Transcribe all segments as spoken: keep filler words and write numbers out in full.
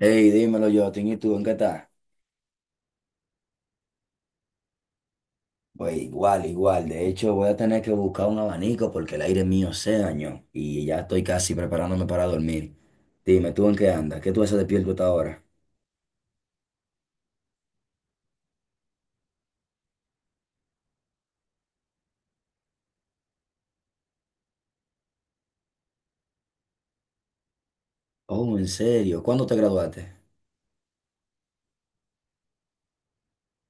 Hey, dímelo, Jotin, ¿y tú en qué estás? Pues igual, igual. De hecho, voy a tener que buscar un abanico porque el aire mío se dañó y ya estoy casi preparándome para dormir. Dime, ¿tú en qué andas? ¿Qué tú haces despierto hasta ahora? Oh, ¿en serio? ¿Cuándo te graduaste?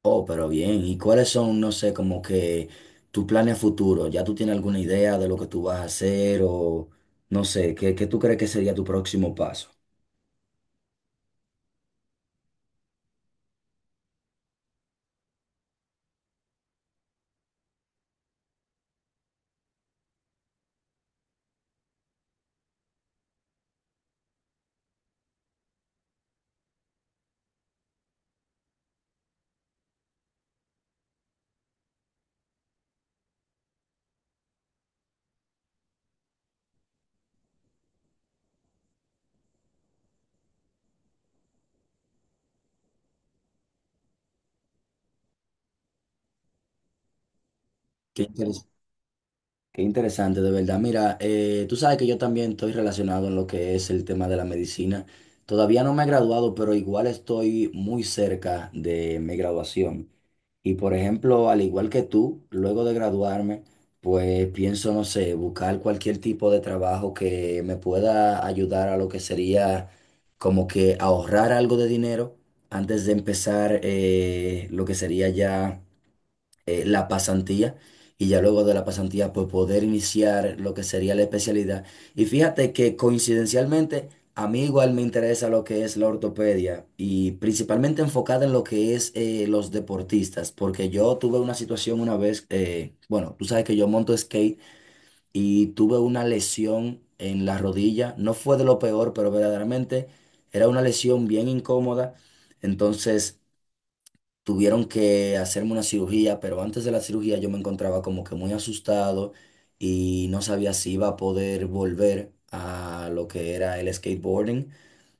Oh, pero bien. ¿Y cuáles son, no sé, como que tus planes futuros? ¿Ya tú tienes alguna idea de lo que tú vas a hacer o no sé, qué, qué tú crees que sería tu próximo paso? Qué interesante. Qué interesante, de verdad. Mira, eh, tú sabes que yo también estoy relacionado en lo que es el tema de la medicina. Todavía no me he graduado, pero igual estoy muy cerca de mi graduación. Y por ejemplo, al igual que tú, luego de graduarme, pues pienso, no sé, buscar cualquier tipo de trabajo que me pueda ayudar a lo que sería como que ahorrar algo de dinero antes de empezar eh, lo que sería ya, eh, la pasantía, y ya luego de la pasantía pues poder iniciar lo que sería la especialidad. Y fíjate que coincidencialmente a mí igual me interesa lo que es la ortopedia y principalmente enfocada en lo que es eh, los deportistas, porque yo tuve una situación una vez, eh, bueno, tú sabes que yo monto skate y tuve una lesión en la rodilla, no fue de lo peor, pero verdaderamente era una lesión bien incómoda. Entonces, tuvieron que hacerme una cirugía, pero antes de la cirugía yo me encontraba como que muy asustado y no sabía si iba a poder volver a lo que era el skateboarding.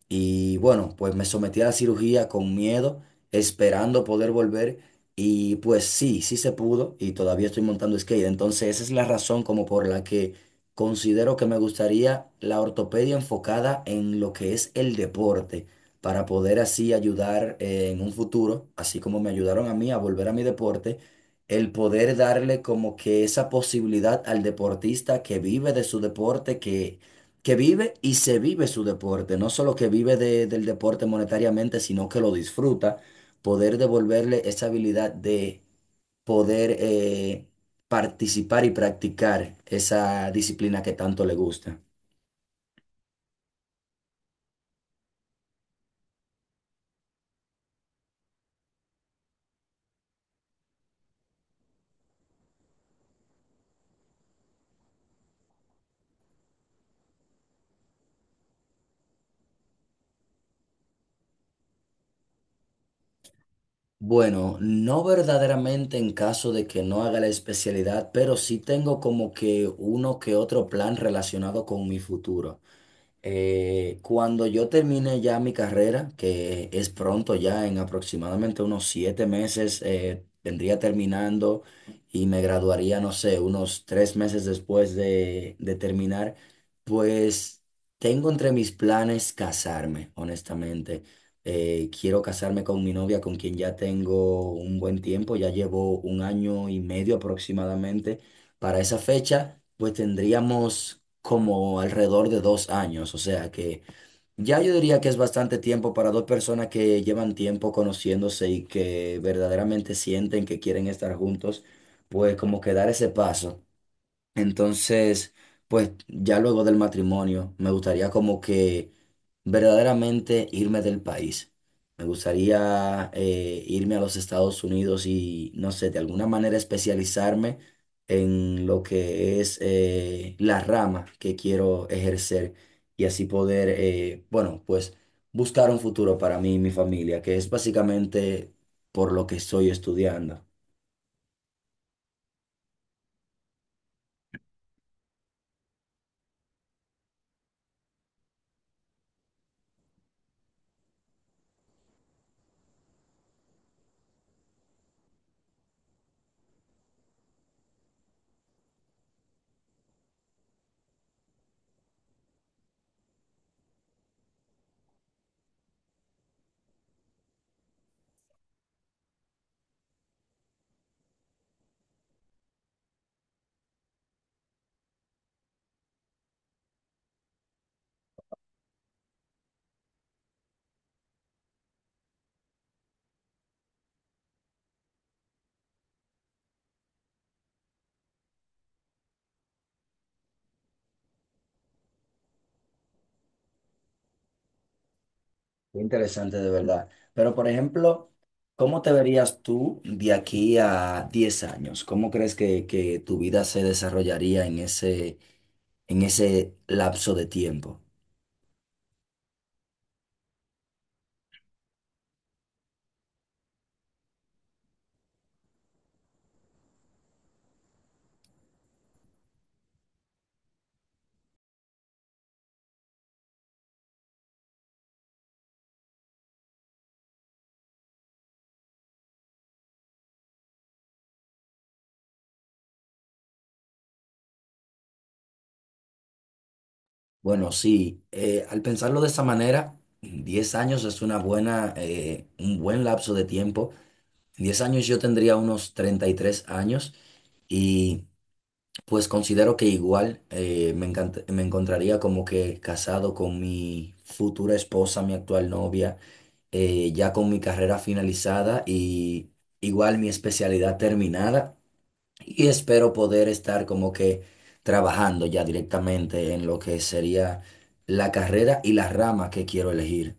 Y bueno, pues me sometí a la cirugía con miedo, esperando poder volver. Y pues sí, sí se pudo y todavía estoy montando skate. Entonces esa es la razón como por la que considero que me gustaría la ortopedia enfocada en lo que es el deporte, para poder así ayudar eh, en un futuro, así como me ayudaron a mí a volver a mi deporte, el poder darle como que esa posibilidad al deportista que vive de su deporte, que que vive y se vive su deporte, no solo que vive de- del deporte monetariamente, sino que lo disfruta, poder devolverle esa habilidad de poder, eh, participar y practicar esa disciplina que tanto le gusta. Bueno, no verdaderamente en caso de que no haga la especialidad, pero sí tengo como que uno que otro plan relacionado con mi futuro. Eh, cuando yo termine ya mi carrera, que es pronto ya, en aproximadamente unos siete meses, eh, vendría terminando y me graduaría, no sé, unos tres meses después de, de terminar, pues tengo entre mis planes casarme, honestamente. Eh, quiero casarme con mi novia, con quien ya tengo un buen tiempo, ya llevo un año y medio aproximadamente. Para esa fecha, pues tendríamos como alrededor de dos años, o sea que ya yo diría que es bastante tiempo para dos personas que llevan tiempo conociéndose y que verdaderamente sienten que quieren estar juntos, pues como que dar ese paso. Entonces, pues ya luego del matrimonio, me gustaría como que verdaderamente irme del país. Me gustaría, eh, irme a los Estados Unidos y, no sé, de alguna manera especializarme en lo que es, eh, la rama que quiero ejercer y así poder, eh, bueno, pues buscar un futuro para mí y mi familia, que es básicamente por lo que estoy estudiando. Qué interesante de verdad. Pero, por ejemplo, ¿cómo te verías tú de aquí a diez años? ¿Cómo crees que, que tu vida se desarrollaría en ese, en ese lapso de tiempo? Bueno, sí, eh, al pensarlo de esa manera, diez años es una buena, eh, un buen lapso de tiempo. En diez años yo tendría unos treinta y tres años, y pues considero que igual, eh, me encant- me encontraría como que casado con mi futura esposa, mi actual novia, eh, ya con mi carrera finalizada y igual mi especialidad terminada, y espero poder estar como que trabajando ya directamente en lo que sería la carrera y la rama que quiero elegir.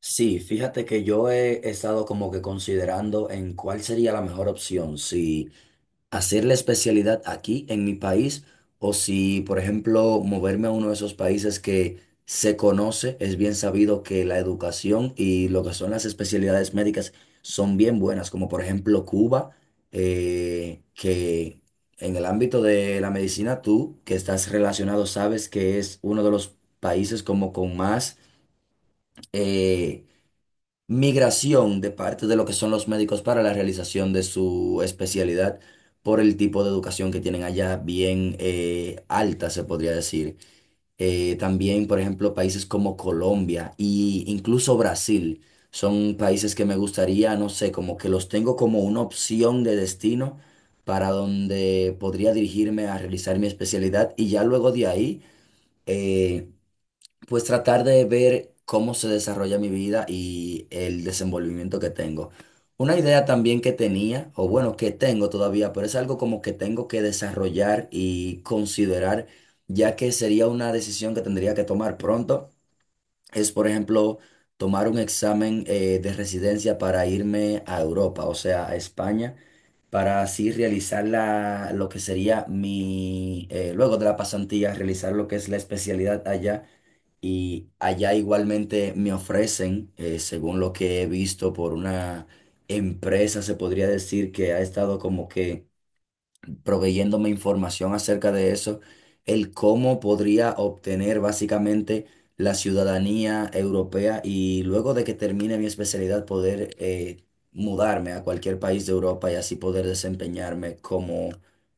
Sí, fíjate que yo he estado como que considerando en cuál sería la mejor opción, si hacer la especialidad aquí en mi país o si, por ejemplo, moverme a uno de esos países que se conoce, es bien sabido que la educación y lo que son las especialidades médicas son bien buenas, como por ejemplo Cuba, eh, que en el ámbito de la medicina tú, que estás relacionado, sabes que es uno de los países como con más... eh, migración de parte de lo que son los médicos para la realización de su especialidad por el tipo de educación que tienen allá, bien, eh, alta, se podría decir. Eh, también, por ejemplo, países como Colombia e incluso Brasil son países que me gustaría, no sé, como que los tengo como una opción de destino para donde podría dirigirme a realizar mi especialidad y ya luego de ahí, eh, pues tratar de ver cómo se desarrolla mi vida y el desenvolvimiento que tengo. Una idea también que tenía, o bueno, que tengo todavía, pero es algo como que tengo que desarrollar y considerar, ya que sería una decisión que tendría que tomar pronto, es por ejemplo tomar un examen, eh, de residencia para irme a Europa, o sea, a España, para así realizar la, lo que sería mi, eh, luego de la pasantía, realizar lo que es la especialidad allá, y allá igualmente me ofrecen, eh, según lo que he visto por una empresa, se podría decir que ha estado como que proveyéndome información acerca de eso, el cómo podría obtener básicamente la ciudadanía europea y luego de que termine mi especialidad poder, eh, mudarme a cualquier país de Europa y así poder desempeñarme como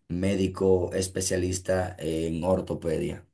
médico especialista en ortopedia.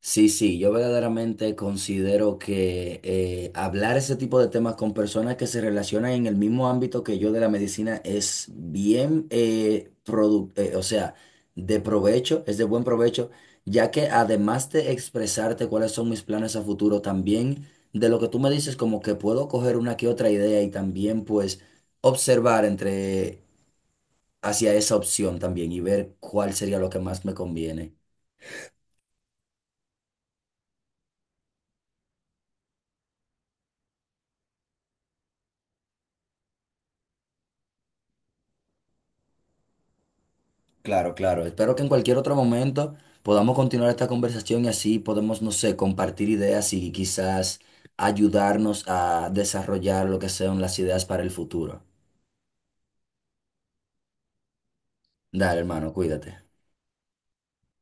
Sí, sí, yo verdaderamente considero que, eh, hablar ese tipo de temas con personas que se relacionan en el mismo ámbito que yo de la medicina es bien, eh, produ- eh, o sea, de provecho, es de buen provecho, ya que además de expresarte cuáles son mis planes a futuro, también de lo que tú me dices, como que puedo coger una que otra idea y también pues observar entre hacia esa opción también y ver cuál sería lo que más me conviene. Claro, claro. Espero que en cualquier otro momento podamos continuar esta conversación y así podemos, no sé, compartir ideas y quizás ayudarnos a desarrollar lo que sean las ideas para el futuro. Dale, hermano, cuídate.